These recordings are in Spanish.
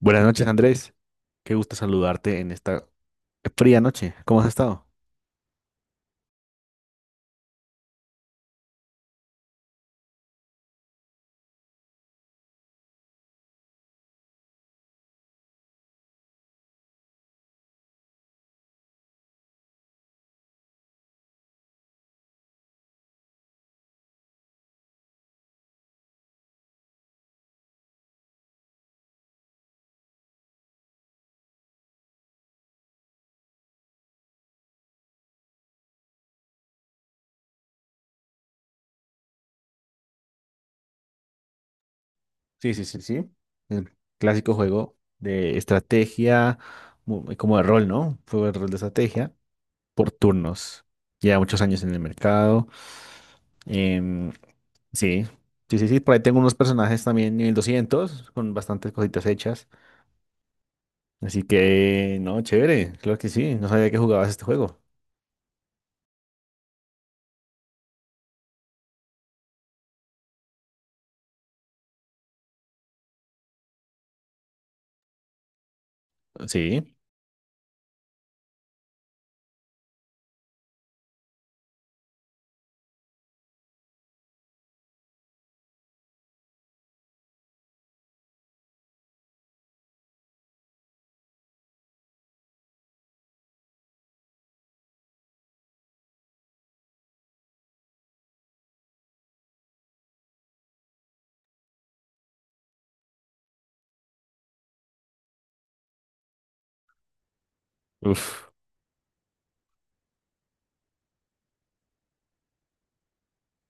Buenas noches, Andrés. Qué gusto saludarte en esta fría noche. ¿Cómo has estado? Sí, sí, sí, sí. El clásico juego de estrategia, como de rol, ¿no? Juego de rol de estrategia por turnos. Lleva muchos años en el mercado. Em, sí, sí, sí, sí. Por ahí tengo unos personajes también nivel 200 con bastantes cositas hechas. Así que no, chévere. Claro que sí. No sabía que jugabas este juego. Sí. Uf.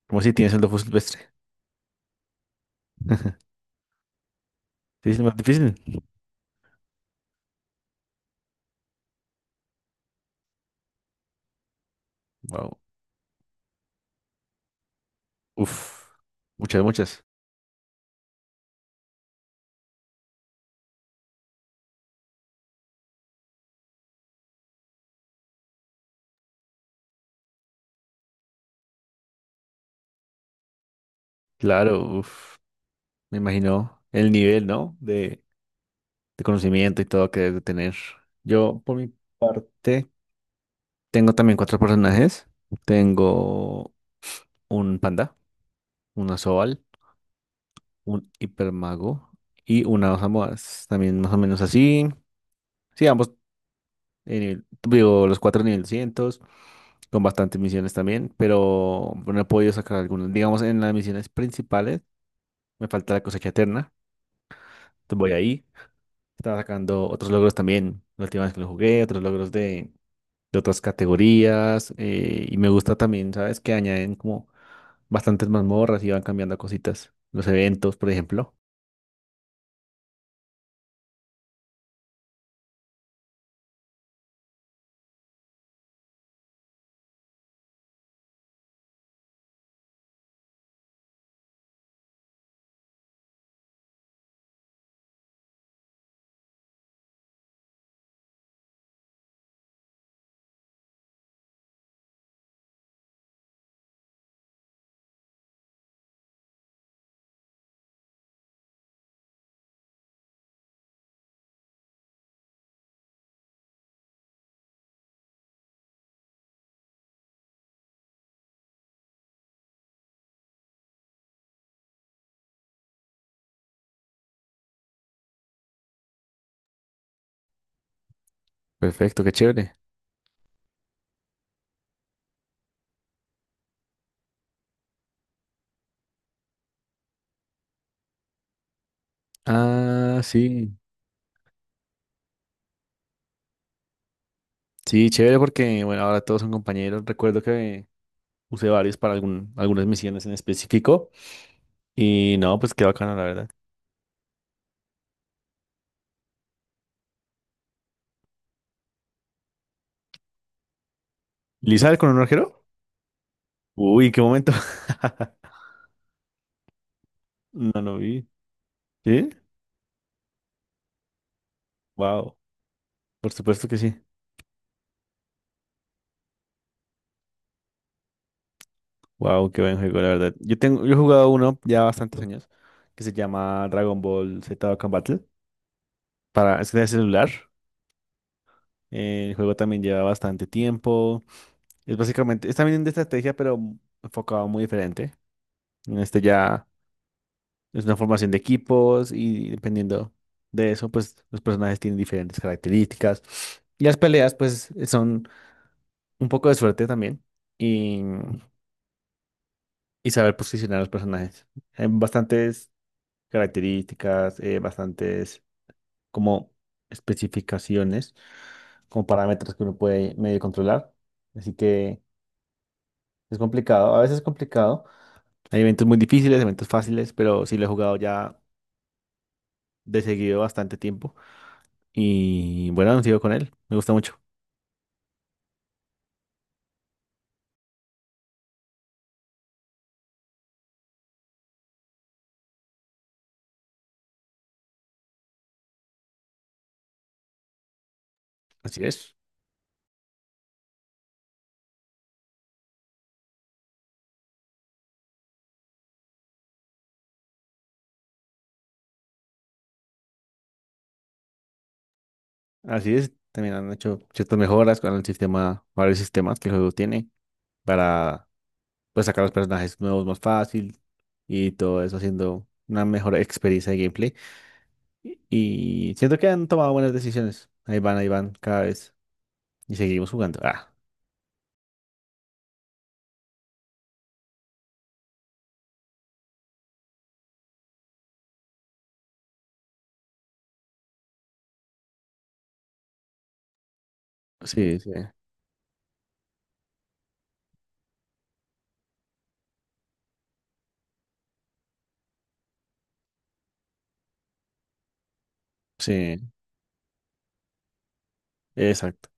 ¿Cómo si tienes el Dofus Silvestre? Sí, es más difícil. Wow. Uf. Muchas, muchas. Claro, uf. Me imagino el nivel, ¿no? De conocimiento y todo que debe tener. Yo, por mi parte, tengo también cuatro personajes. Tengo un panda, una Sobal, un hipermago y una dos amoas. También más o menos así. Sí, ambos, digo, los cuatro nivel 200, con bastantes misiones también, pero no he podido sacar algunas. Digamos, en las misiones principales me falta la cosecha eterna. Entonces voy ahí. Estaba sacando otros logros también, la última vez que lo jugué, otros logros de otras categorías. Y me gusta también, ¿sabes? Que añaden como bastantes mazmorras y van cambiando cositas. Los eventos, por ejemplo. Perfecto, qué chévere. Ah, sí. Sí, chévere porque bueno, ahora todos son compañeros. Recuerdo que usé varios para algunas misiones en específico. Y no, pues qué bacano, la verdad. ¿Lizar con un arquero? Uy, qué momento. No, no vi. ¿Sí? Wow, por supuesto que sí. Wow, qué buen juego, la verdad. Yo he jugado uno ya bastantes años que se llama Dragon Ball Z Dokkan Battle para es de celular. El juego también lleva bastante tiempo. Es básicamente, es también de estrategia, pero enfocado muy diferente. En este ya es una formación de equipos y dependiendo de eso, pues los personajes tienen diferentes características. Y las peleas, pues, son un poco de suerte también y, y saber posicionar a los personajes. Hay bastantes características, bastantes como especificaciones, como parámetros que uno puede medio controlar. Así que es complicado, a veces es complicado. Hay eventos muy difíciles, eventos fáciles, pero sí lo he jugado ya de seguido bastante tiempo. Y bueno, han sido con él, me gusta mucho. Así es, así es. También han hecho ciertas mejoras con el sistema, varios sistemas que el juego tiene para pues, sacar los personajes nuevos más fácil y todo eso haciendo una mejor experiencia de gameplay. Y y siento que han tomado buenas decisiones. Ahí van, cada vez. Y seguimos jugando. Ah, sí, sí, sí, exacto.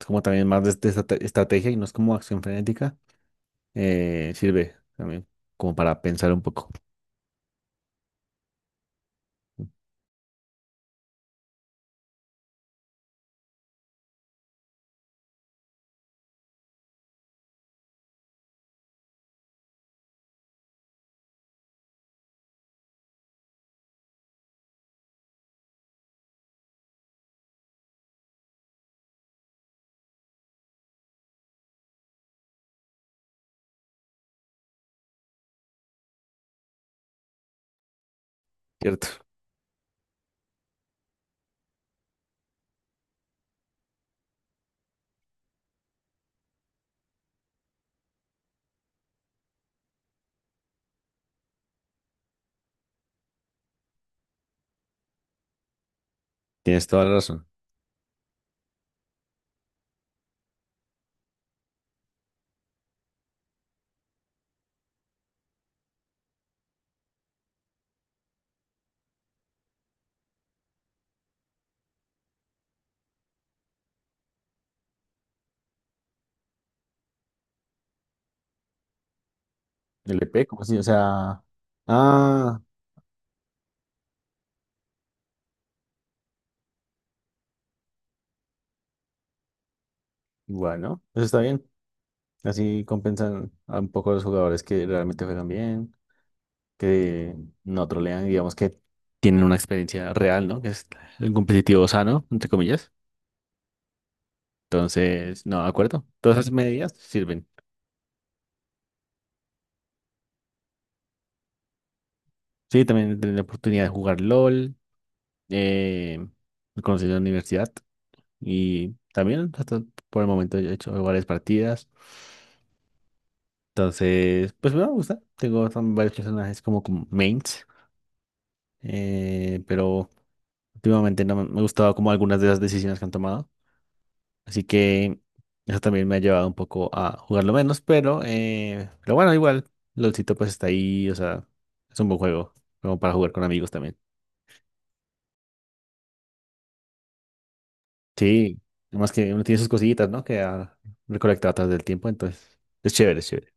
Es como también más de estrategia y no es como acción frenética. Sirve también como para pensar un poco, ¿cierto? Tienes toda la razón. ¿El EP, como así? O sea, ah, bueno, eso está bien. Así compensan a un poco a los jugadores que realmente juegan bien, que no trolean, digamos que tienen una experiencia real, ¿no? Que es el competitivo sano, entre comillas. Entonces, no, de acuerdo. Todas esas medidas sirven. Sí, también tener la oportunidad de jugar LOL, eh, conocer la universidad y también hasta por el momento yo he hecho varias partidas. Entonces, pues me gusta. Tengo varios personajes como, como mains, pero últimamente no me ha gustado como algunas de las decisiones que han tomado. Así que eso también me ha llevado un poco a jugarlo menos, pero bueno, igual, LOLcito pues está ahí, o sea, es un buen juego, como para jugar con amigos también. Sí, además que uno tiene sus cosillitas, ¿no? Que ha recolectado a través del tiempo, entonces es chévere, es chévere.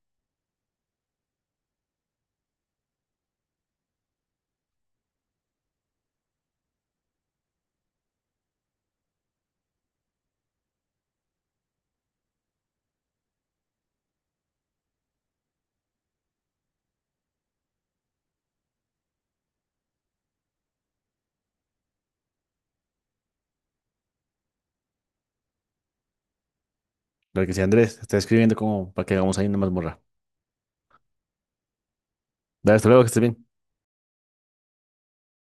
Claro que sí, Andrés, está escribiendo como para que hagamos ahí una mazmorra. Dale, hasta luego, que estés bien.